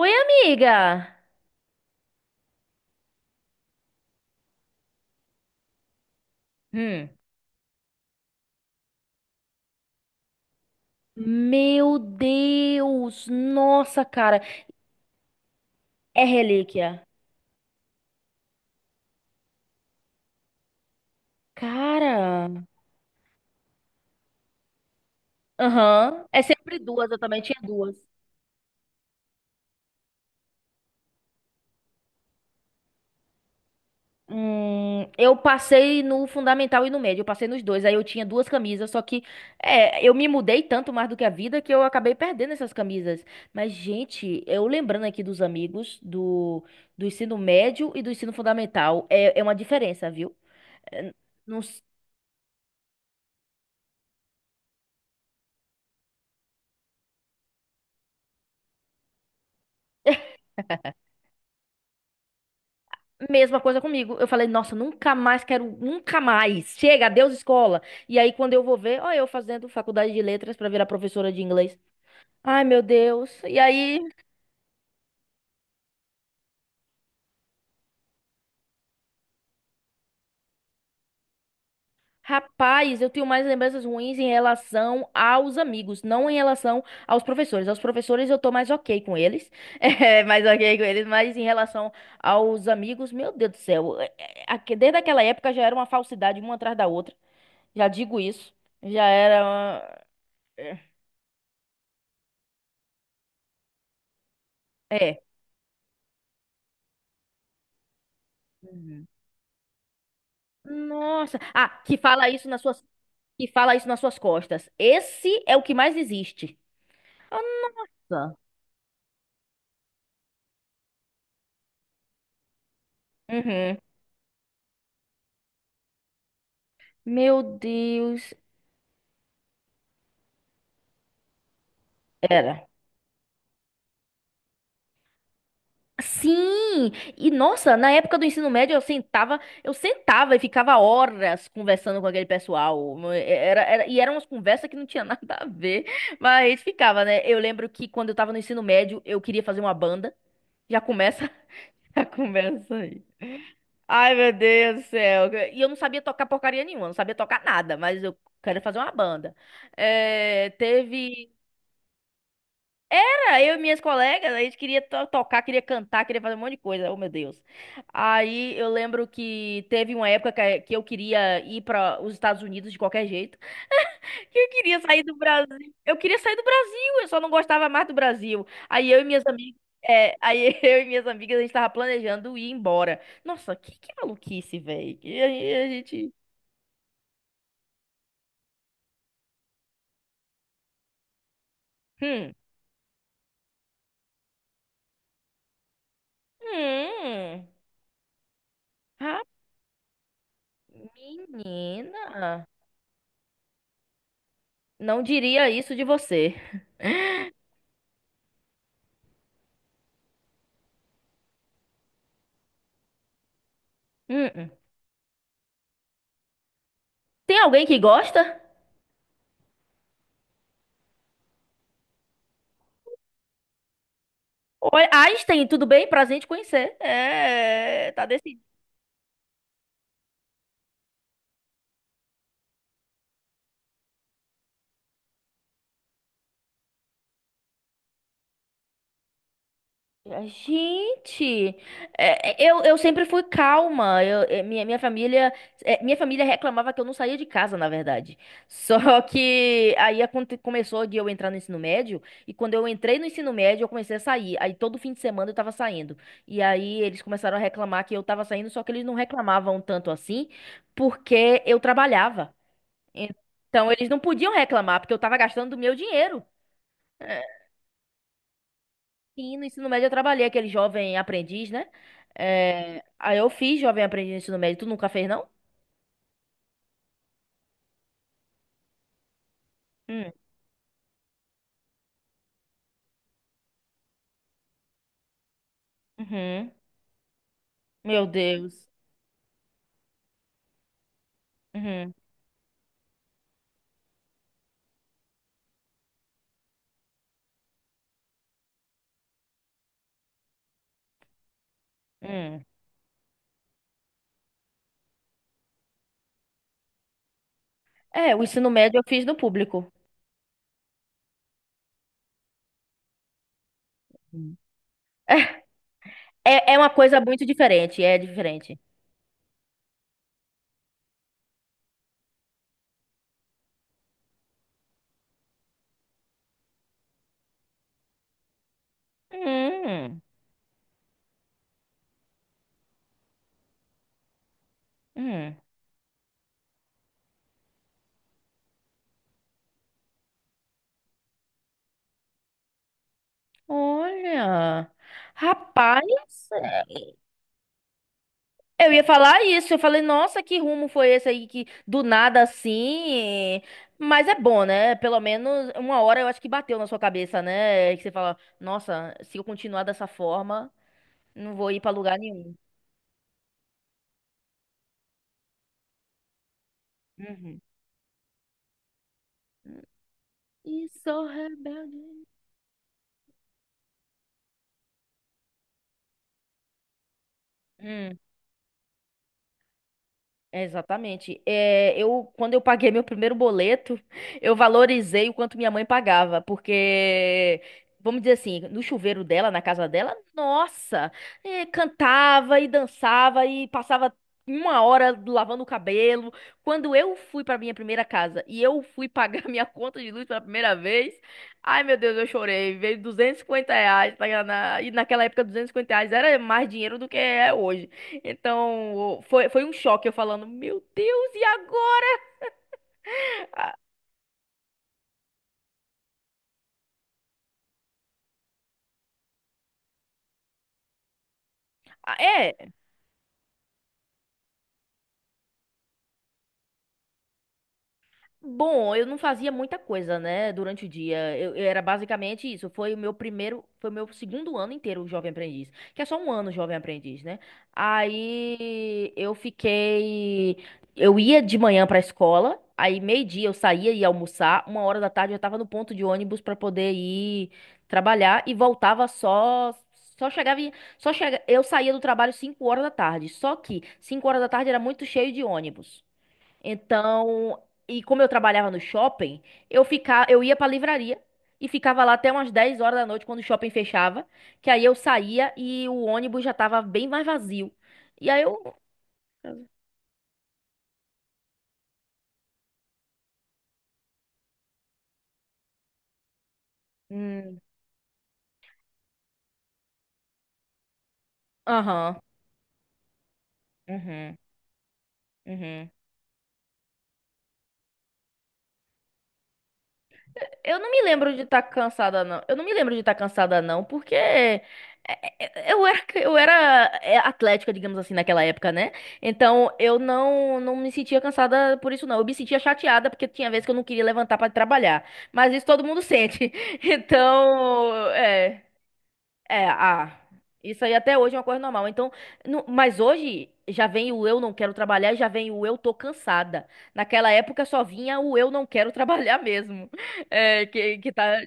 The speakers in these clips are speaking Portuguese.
Oi, amiga! Hum. Meu Deus! Nossa, cara! É relíquia. Cara! Aham. É sempre duas, eu também tinha duas. Eu passei no fundamental e no médio, eu passei nos dois. Aí eu tinha duas camisas, só que eu me mudei tanto mais do que a vida que eu acabei perdendo essas camisas. Mas, gente, eu lembrando aqui dos amigos do ensino médio e do ensino fundamental, é uma diferença, viu? É, não, Mesma coisa comigo. Eu falei, nossa, nunca mais quero, nunca mais. Chega, adeus escola. E aí, quando eu vou ver, ó, eu fazendo faculdade de letras pra virar professora de inglês. Ai, meu Deus. E aí, rapaz, eu tenho mais lembranças ruins em relação aos amigos, não em relação aos professores. Aos professores eu tô mais ok com eles, mais ok com eles, mas em relação aos amigos, meu Deus do céu. Desde aquela época já era uma falsidade uma atrás da outra. Já digo isso. Já era. É. Nossa. Ah, que fala isso nas suas costas. Esse é o que mais existe. Nossa. Uhum. Meu Deus. Era. Sim! E nossa, na época do ensino médio eu sentava e ficava horas conversando com aquele pessoal. E eram umas conversas que não tinha nada a ver, mas a gente ficava, né? Eu lembro que quando eu tava no ensino médio, eu queria fazer uma banda. Já começa já começa aí. Ai, meu Deus do céu. E eu não sabia tocar porcaria nenhuma, não sabia tocar nada, mas eu quero fazer uma banda. É, teve. Cara, eu e minhas colegas, a gente queria tocar, queria cantar, queria fazer um monte de coisa. Oh, meu Deus. Aí eu lembro que teve uma época que eu queria ir para os Estados Unidos de qualquer jeito, que eu queria sair do Brasil. Eu queria sair do Brasil, eu só não gostava mais do Brasil. Aí eu e minhas amigas. Aí eu e minhas amigas, a gente tava planejando ir embora. Nossa, que maluquice, velho. Hum. Hum. Ra- Menina. Não diria isso de você. Hum, hum. Tem alguém que gosta? Oi, Einstein, tudo bem? Prazer em te conhecer. É, tá decidido. Gente, eu sempre fui calma. Eu, é, minha família, é, minha família reclamava que eu não saía de casa, na verdade. Só que aí começou de eu entrar no ensino médio, e quando eu entrei no ensino médio, eu comecei a sair. Aí todo fim de semana eu tava saindo. E aí eles começaram a reclamar que eu tava saindo, só que eles não reclamavam tanto assim, porque eu trabalhava. Então eles não podiam reclamar, porque eu tava gastando do meu dinheiro. É, sim, no ensino médio eu trabalhei aquele jovem aprendiz, né? É, aí eu fiz jovem aprendiz no ensino médio. Tu nunca fez, não? Hum, uhum. Meu Deus. Uhum, hum. É, o ensino médio eu fiz no público. Hum. É, é uma coisa muito diferente, é diferente. Hum, hum. Olha, rapaz, eu ia falar isso, eu falei, nossa, que rumo foi esse aí que do nada assim. Mas é bom, né? Pelo menos uma hora eu acho que bateu na sua cabeça, né? Que você fala, nossa, se eu continuar dessa forma, não vou ir pra lugar nenhum. Uhum. E sou rebelde. Exatamente. É, quando eu paguei meu primeiro boleto, eu valorizei o quanto minha mãe pagava, porque, vamos dizer assim, no chuveiro dela, na casa dela, nossa, cantava e dançava e passava uma hora lavando o cabelo. Quando eu fui para minha primeira casa e eu fui pagar minha conta de luz pela primeira vez, ai meu Deus, eu chorei. Veio R$ 250, tá, e naquela época R$ 250 era mais dinheiro do que é hoje. Então, foi um choque eu falando, meu Deus, e agora? Ah, é, bom, eu não fazia muita coisa, né, durante o dia. Eu era basicamente isso. Foi o meu primeiro, foi o meu segundo ano inteiro jovem aprendiz, que é só um ano jovem aprendiz, né? Aí eu fiquei, eu ia de manhã pra escola, aí meio-dia eu saía e ia almoçar, 1 hora da tarde eu tava no ponto de ônibus pra poder ir trabalhar e voltava só Só chegava, em- só chega, eu saía do trabalho 5 horas da tarde. Só que 5 horas da tarde era muito cheio de ônibus. Então, e como eu trabalhava no shopping, eu ia pra livraria e ficava lá até umas 10 horas da noite quando o shopping fechava, que aí eu saía e o ônibus já tava bem mais vazio. E aí eu, hum, aham, uhum, uhum. Eu não me lembro de estar cansada, não. Eu não me lembro de estar cansada, não, porque eu era atlética, digamos assim, naquela época, né? Então eu não, não me sentia cansada por isso, não. Eu me sentia chateada porque tinha vezes que eu não queria levantar para trabalhar. Mas isso todo mundo sente. Então, é. É, ah, isso aí até hoje é uma coisa normal. Então, mas hoje já vem o eu não quero trabalhar, e já vem o eu tô cansada. Naquela época só vinha o eu não quero trabalhar mesmo. É, que tá...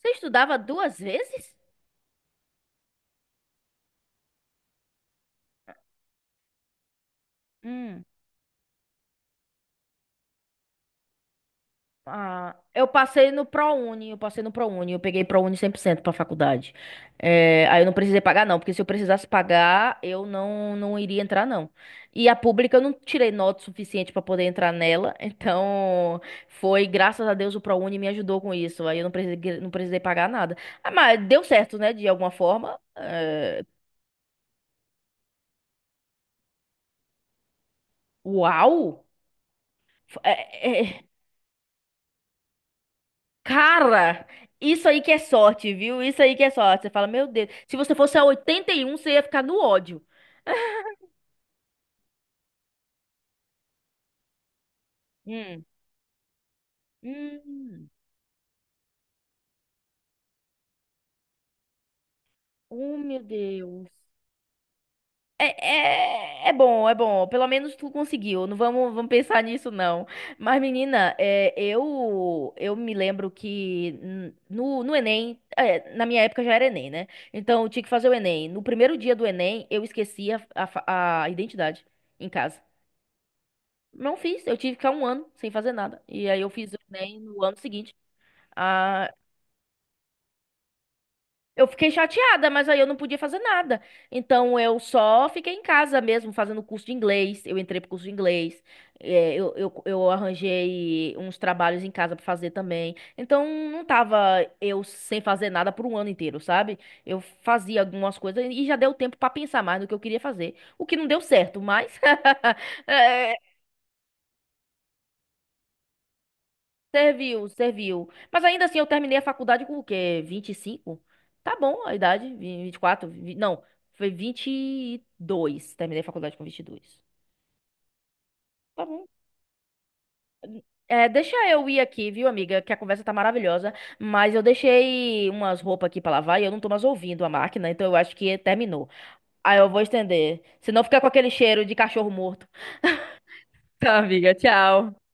Você estudava duas vezes? Hum. Ah, eu passei no ProUni, eu peguei ProUni 100% pra faculdade. É, aí eu não precisei pagar não, porque se eu precisasse pagar, eu não não iria entrar não. E a pública eu não tirei nota suficiente pra poder entrar nela, então foi graças a Deus o ProUni me ajudou com isso. Aí eu não precisei pagar nada. Ah, mas deu certo, né, de alguma forma. É, uau. É, é, Cara, isso aí que é sorte, viu? Isso aí que é sorte. Você fala, meu Deus, se você fosse a 81, você ia ficar no ódio. Hum. Hum, oh, meu Deus. É bom, é bom. Pelo menos tu conseguiu. Não vamos, vamos pensar nisso, não. Mas, menina, eu me lembro que no Enem, na minha época já era Enem, né? Então eu tinha que fazer o Enem. No primeiro dia do Enem, eu esqueci a identidade em casa. Não fiz, eu tive que ficar um ano sem fazer nada. E aí eu fiz o Enem no ano seguinte. Ah, eu fiquei chateada, mas aí eu não podia fazer nada. Então eu só fiquei em casa mesmo, fazendo curso de inglês. Eu entrei pro curso de inglês. É, eu arranjei uns trabalhos em casa pra fazer também. Então não tava eu sem fazer nada por um ano inteiro, sabe? Eu fazia algumas coisas e já deu tempo pra pensar mais no que eu queria fazer. O que não deu certo, mas é, serviu, serviu. Mas ainda assim, eu terminei a faculdade com o quê? 25. Tá bom a idade, 24, não, foi 22. Terminei a faculdade com 22. Tá bom. É, deixa eu ir aqui, viu, amiga? Que a conversa tá maravilhosa, mas eu deixei umas roupas aqui pra lavar e eu não tô mais ouvindo a máquina, então eu acho que terminou. Aí eu vou estender. Senão fica com aquele cheiro de cachorro morto. Tá, amiga, tchau.